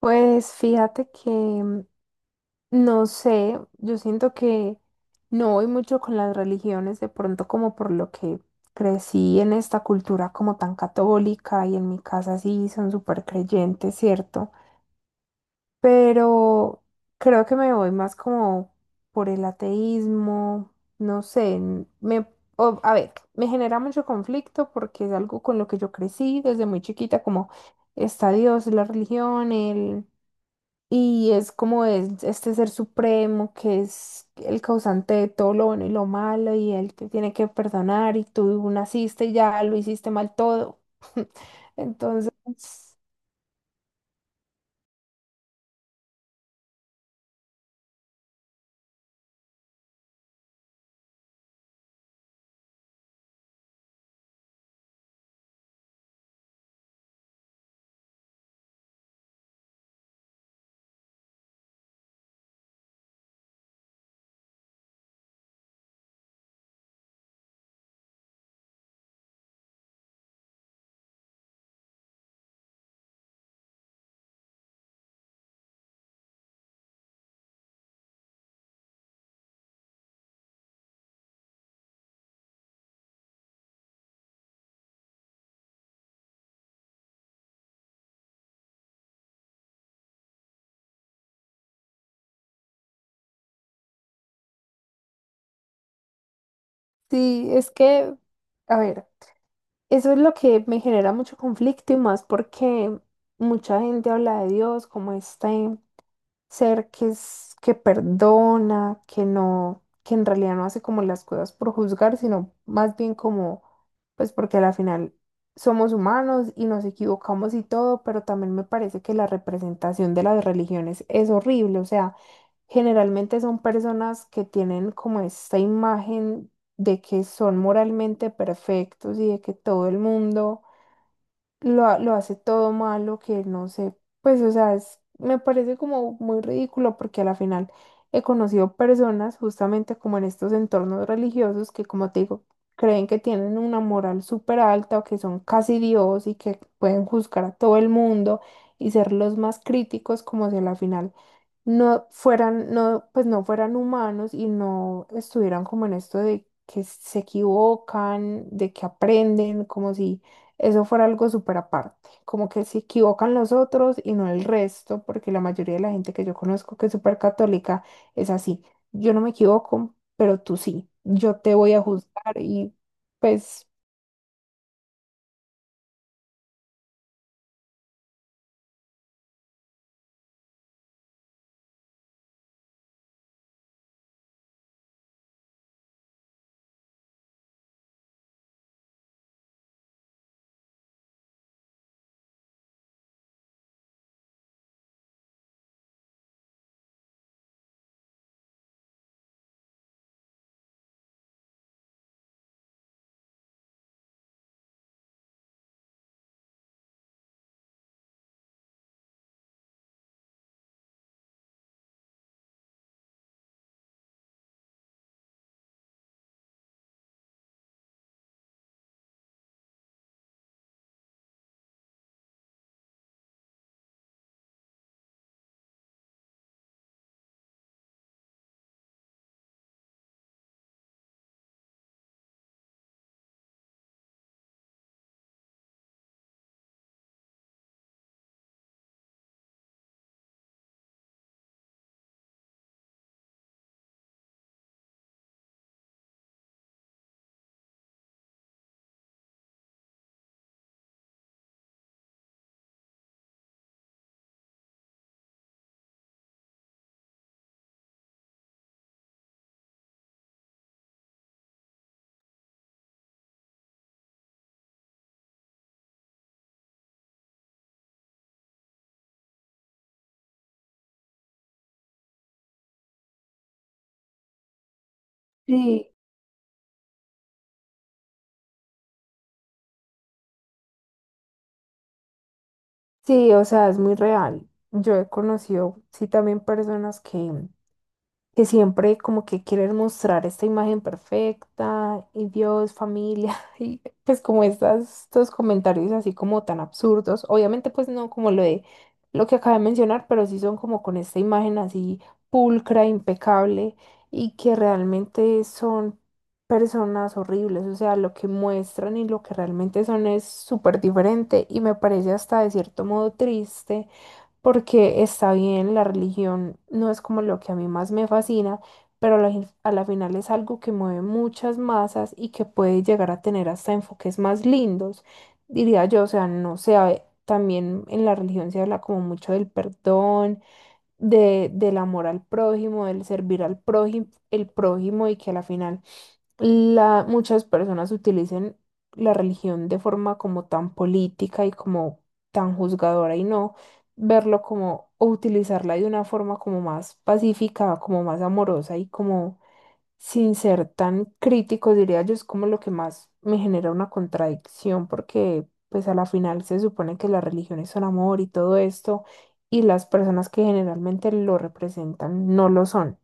Pues fíjate que no sé, yo siento que no voy mucho con las religiones, de pronto como por lo que crecí en esta cultura como tan católica y en mi casa sí son súper creyentes, ¿cierto? Pero creo que me voy más como por el ateísmo, no sé, a ver, me genera mucho conflicto porque es algo con lo que yo crecí desde muy chiquita, como está Dios, la religión, el y es como es este ser supremo que es el causante de todo lo bueno y lo malo y él te tiene que perdonar y tú naciste y ya lo hiciste mal todo. Entonces, sí, es que, a ver, eso es lo que me genera mucho conflicto y más porque mucha gente habla de Dios como este ser que es, que perdona, que no, que en realidad no hace como las cosas por juzgar, sino más bien como, pues porque a la final somos humanos y nos equivocamos y todo, pero también me parece que la representación de las religiones es horrible. O sea, generalmente son personas que tienen como esta imagen de que son moralmente perfectos y de que todo el mundo lo hace todo malo, que no sé, pues o sea, me parece como muy ridículo porque a la final he conocido personas justamente como en estos entornos religiosos que, como te digo, creen que tienen una moral súper alta o que son casi Dios y que pueden juzgar a todo el mundo y ser los más críticos como si a la final no fueran, no, pues no fueran humanos y no estuvieran como en esto de que se equivocan, de que aprenden, como si eso fuera algo súper aparte, como que se equivocan los otros y no el resto, porque la mayoría de la gente que yo conozco que es súper católica es así, yo no me equivoco, pero tú sí, yo te voy a juzgar y pues sí, sí, o sea, es muy real. Yo he conocido, sí, también personas que siempre como que quieren mostrar esta imagen perfecta y Dios, familia, y pues como estas, estos comentarios así como tan absurdos. Obviamente pues no como lo de lo que acabo de mencionar, pero sí son como con esta imagen así pulcra, impecable y que realmente son personas horribles. O sea, lo que muestran y lo que realmente son es súper diferente y me parece hasta de cierto modo triste porque está bien, la religión no es como lo que a mí más me fascina, pero a a la final es algo que mueve muchas masas y que puede llegar a tener hasta enfoques más lindos, diría yo. O sea, no también en la religión se habla como mucho del perdón, de, del amor al prójimo, del servir al prójimo, el prójimo, y que a la final muchas personas utilizan la religión de forma como tan política y como tan juzgadora y no verlo como o utilizarla de una forma como más pacífica, como más amorosa y como sin ser tan crítico, diría yo. Es como lo que más me genera una contradicción porque pues a la final se supone que las religiones son amor y todo esto y las personas que generalmente lo representan no lo son.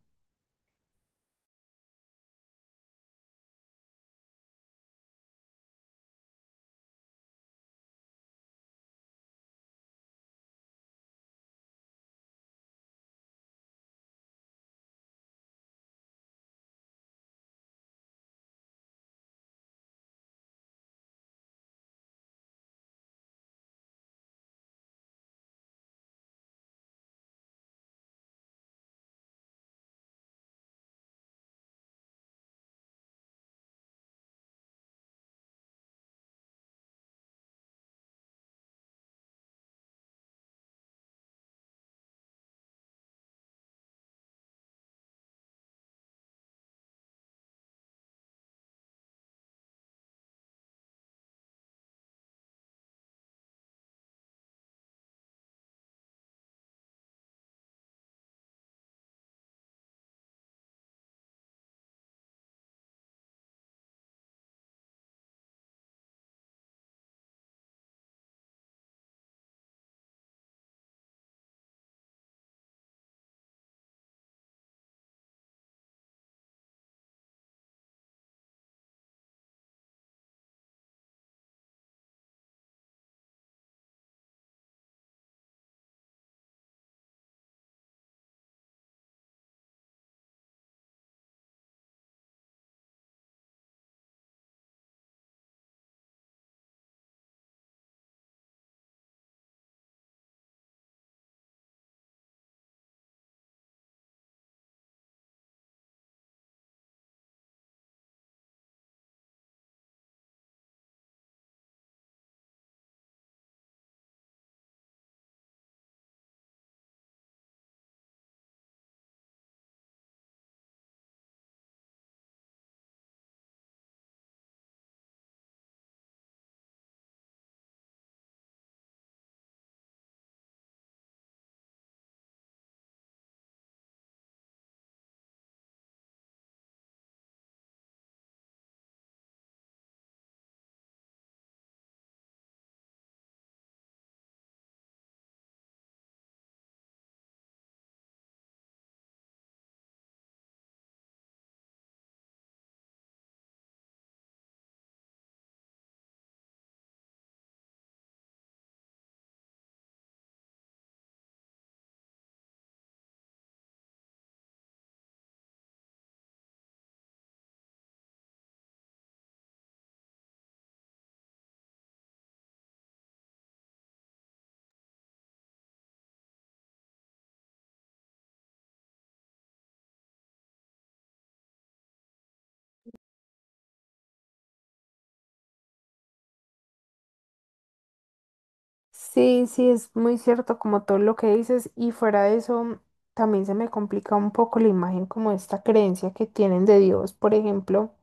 Sí, sí, es muy cierto como todo lo que dices, y fuera de eso también se me complica un poco la imagen como esta creencia que tienen de Dios, por ejemplo.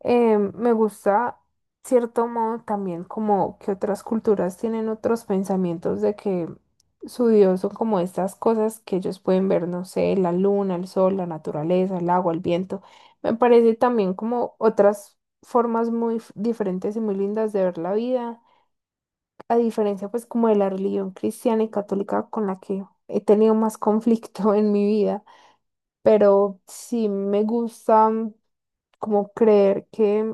Me gusta cierto modo también como que otras culturas tienen otros pensamientos de que su Dios son como estas cosas que ellos pueden ver, no sé, la luna, el sol, la naturaleza, el agua, el viento. Me parece también como otras formas diferentes y muy lindas de ver la vida a diferencia pues como de la religión cristiana y católica con la que he tenido más conflicto en mi vida, pero sí me gusta, como creer que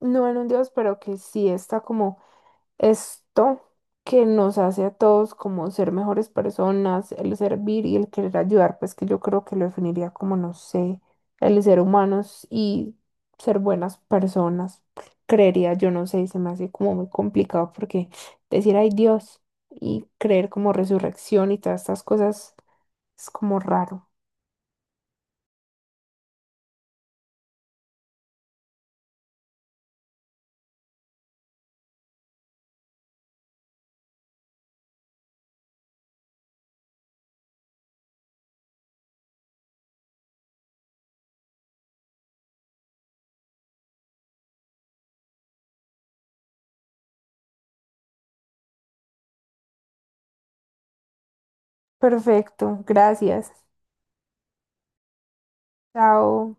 no en un Dios, pero que sí está como esto que nos hace a todos como ser mejores personas, el servir y el querer ayudar, pues que yo creo que lo definiría como, no sé, el ser humanos y ser buenas personas, creería yo, no sé, se me hace como muy complicado porque decir hay Dios y creer como resurrección y todas estas cosas es como raro. Perfecto, gracias. Chao.